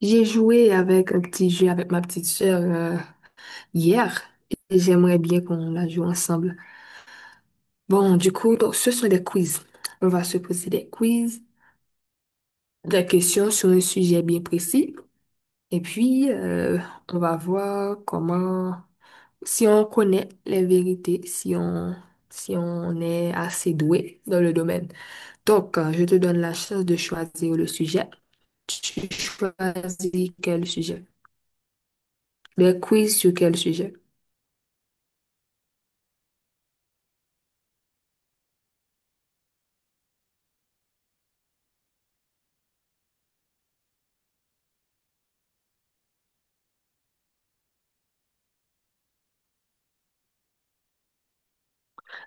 J'ai joué avec un petit jeu avec ma petite sœur hier et j'aimerais bien qu'on la joue ensemble. Bon, du coup, donc, ce sont des quiz. On va se poser des quiz, des questions sur un sujet bien précis et puis on va voir comment, si on connaît les vérités, si on, si on est assez doué dans le domaine. Donc, je te donne la chance de choisir le sujet. Tu choisis quel sujet? Des quiz sur quel sujet?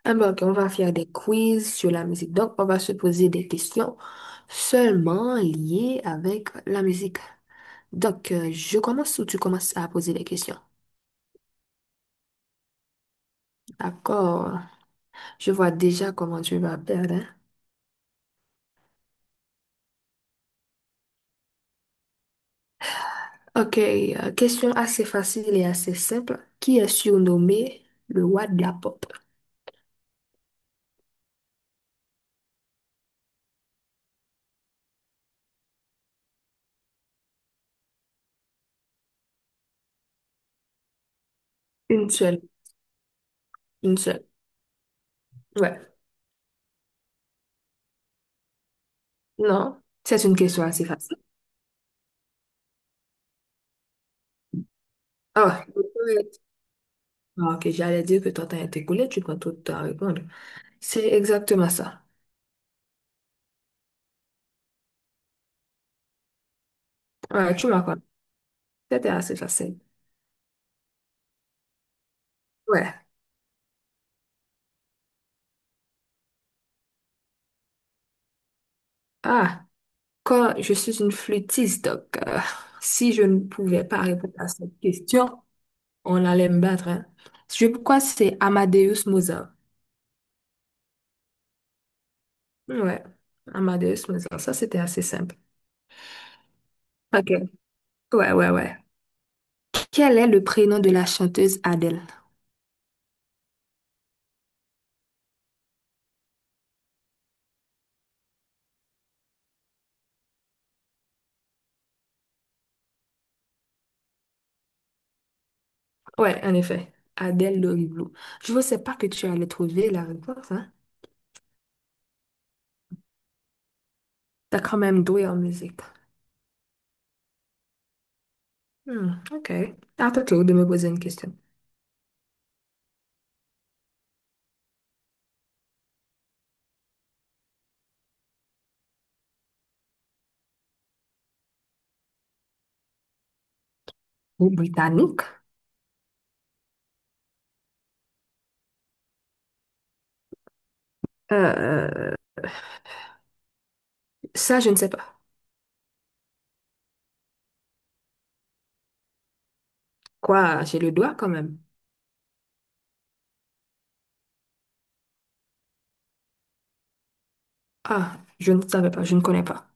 Ah ben, ok, on va faire des quiz sur la musique. Donc, on va se poser des questions seulement liées avec la musique. Donc, je commence ou tu commences à poser des questions? D'accord. Je vois déjà comment tu vas perdre, hein. Ok, question assez facile et assez simple. Qui est surnommé le roi de la pop? Une seule, une seule. Ouais. Non, c'est une question assez facile. Ah, ouais. Ah, ok, j'allais dire que ton temps est écoulé, tu prends tout le temps à répondre. C'est exactement ça. Ouais, tu m'as compris. C'était assez facile. Ouais. Ah, quand je suis une flûtiste, donc si je ne pouvais pas répondre à cette question, on allait me battre, hein. Je pourquoi c'est Amadeus Mozart. Ouais, Amadeus Mozart. Ça, c'était assez simple. Ok. Ouais, ouais, ouais. Quel est le prénom de la chanteuse Adèle? Ouais, en effet. Adèle Loriblou. Je ne pensais pas que tu allais trouver la réponse, hein. T'as quand même doué en musique. Hmm, ok. À ton tour de me poser une question. Ou britannique? Euh, ça, je ne sais pas. Quoi, j'ai le doigt quand même. Ah, je ne savais pas, je ne connais pas.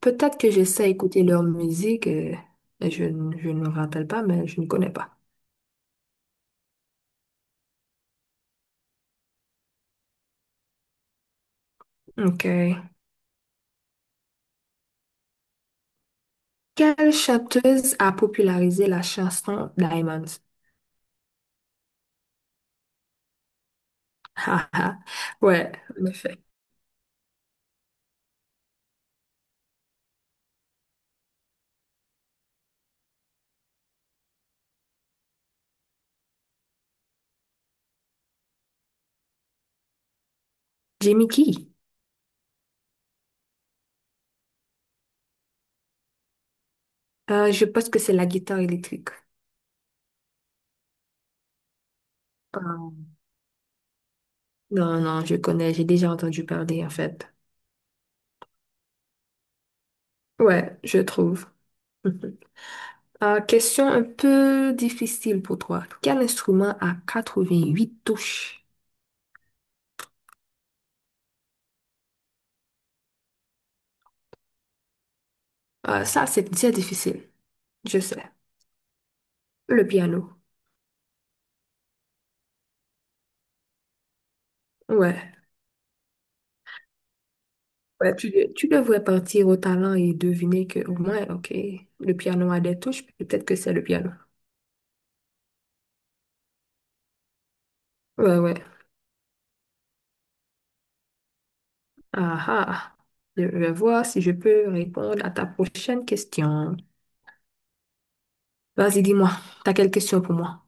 Peut-être que j'essaie d'écouter leur musique, mais je ne me rappelle pas, mais je ne connais pas. Ok. Quelle chanteuse a popularisé la chanson Diamonds? Ah, ah. Ouais, en effet. Jimmy Key. Je pense que c'est la guitare électrique. Ah, non, non, je connais, j'ai déjà entendu parler en fait. Ouais, je trouve. Ah, question un peu difficile pour toi. Quel instrument a 88 touches? Ah, ça, c'est déjà difficile. Je sais. Le piano. Ouais. Ouais, tu devrais partir au talent et deviner que, au moins, ok, le piano a des touches. Peut-être que c'est le piano. Ouais, ouais. Ah, ah. Je vais voir si je peux répondre à ta prochaine question. Vas-y, dis-moi. T'as quelle question pour moi?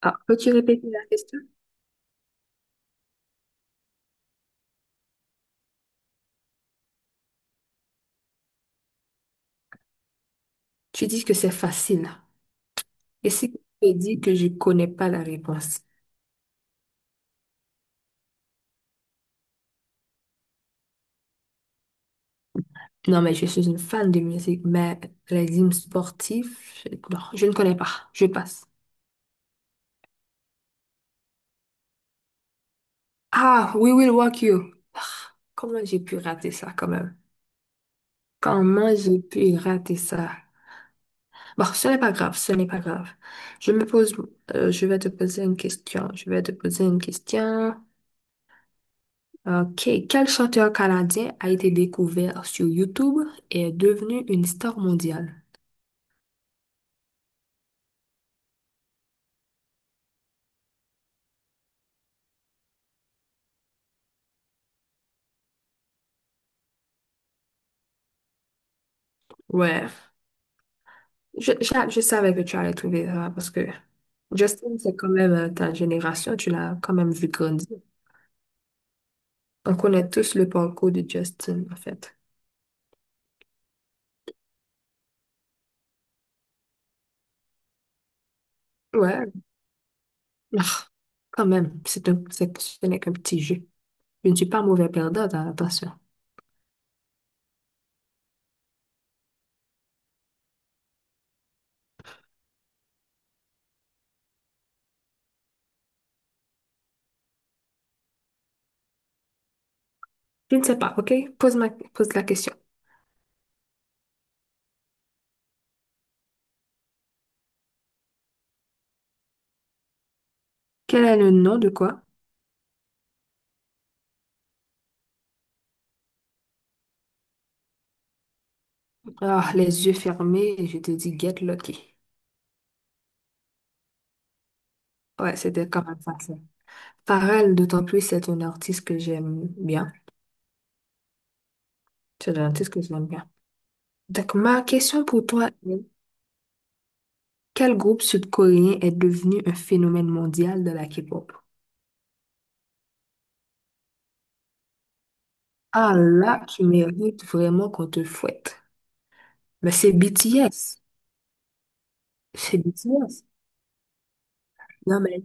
Ah, peux-tu répéter la question? Tu dis que c'est facile. Et si tu dis que je connais pas la réponse? Non, mais je suis une fan de musique, mais les hymnes sportifs, non, je ne connais pas. Je passe. Ah, We Will Rock You. Ah, comment j'ai pu rater ça quand même? Comment j'ai pu rater ça? Bon, ce n'est pas grave, ce n'est pas grave. Je me pose, je vais te poser une question. Je vais te poser une question. Ok. Quel chanteur canadien a été découvert sur YouTube et est devenu une star mondiale? Ouais. Je savais que tu allais trouver ça parce que Justin, c'est quand même ta génération, tu l'as quand même vu grandir. On connaît tous le parcours de Justin, en fait. Ouais, ah, quand même, c'est un, c'est, ce n'est qu'un petit jeu. Je ne suis pas mauvais perdant, hein, attention. Je ne sais pas, ok? Pose la question. Quel est le nom de quoi? Ah, les yeux fermés, et je te dis Get Lucky. Ouais, c'était quand même facile. Pharrell, d'autant plus, c'est un artiste que j'aime bien. C'est un artiste que j'aime bien. Donc, ma question pour toi est, quel groupe sud-coréen est devenu un phénomène mondial de la K-pop? Ah là, tu mérites vraiment qu'on te fouette. Mais c'est BTS. C'est BTS. Non, mais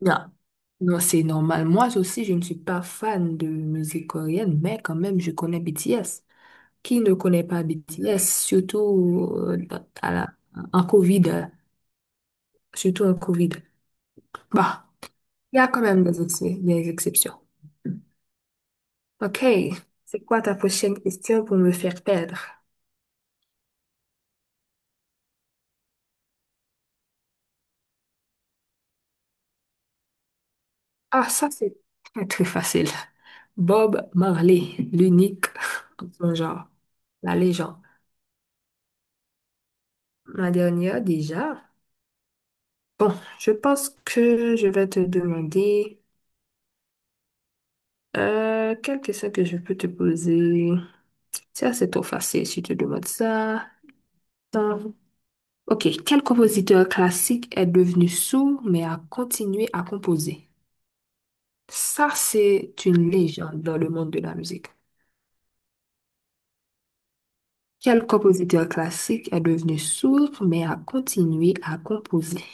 non. Non, c'est normal. Moi aussi, je ne suis pas fan de musique coréenne, mais quand même, je connais BTS. Qui ne connaît pas BTS, surtout en COVID, surtout en COVID. Bah, il y a quand même des, des exceptions. Ok. C'est quoi ta prochaine question pour me faire perdre? Ah, ça, c'est très, très facile. Bob Marley, l'unique en son genre, la légende. Ma dernière déjà. Bon, je pense que je vais te demander quelle question que je peux te poser. Ça, c'est trop facile si je te demande ça. Attends. Ok, quel compositeur classique est devenu sourd mais a continué à composer? Ça, c'est une légende dans le monde de la musique. Quel compositeur classique est devenu sourd mais a continué à composer?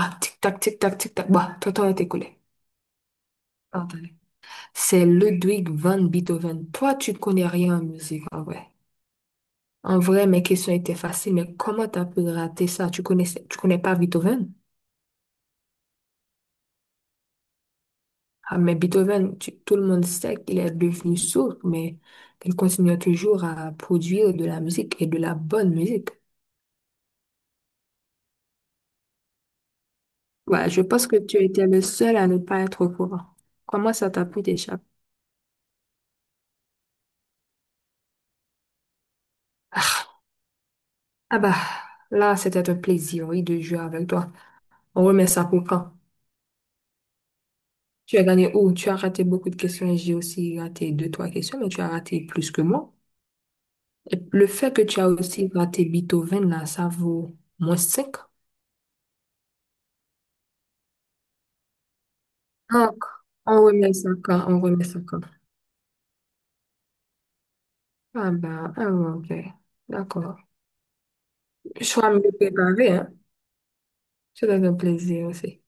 Ah, tic-tac, tic-tac, tic-tac. Bah, ton temps est écoulé. Attendez. C'est Ludwig van Beethoven. Toi, tu connais rien en musique, en vrai. En vrai, mes questions étaient faciles, mais comment t'as pu rater ça? Tu connaissais, tu connais pas Beethoven? Ah, mais Beethoven, tout le monde sait qu'il est devenu sourd, mais il continue toujours à produire de la musique et de la bonne musique. Ouais, je pense que tu étais le seul à ne pas être au courant. Comment ça t'a pu t'échapper? Ah bah, là, c'était un plaisir, oui, de jouer avec toi. On remet ça pour quand? Tu as gagné où? Tu as raté beaucoup de questions et j'ai aussi raté 2, 3 questions, mais tu as raté plus que moi. Et le fait que tu as aussi raté Beethoven, là, ça vaut moins 5. Donc, on remet ça quand? On remet ça quand? Ah bah, ah ouais, ok. D'accord. Je serai mieux préparé, hein. C'était un plaisir aussi.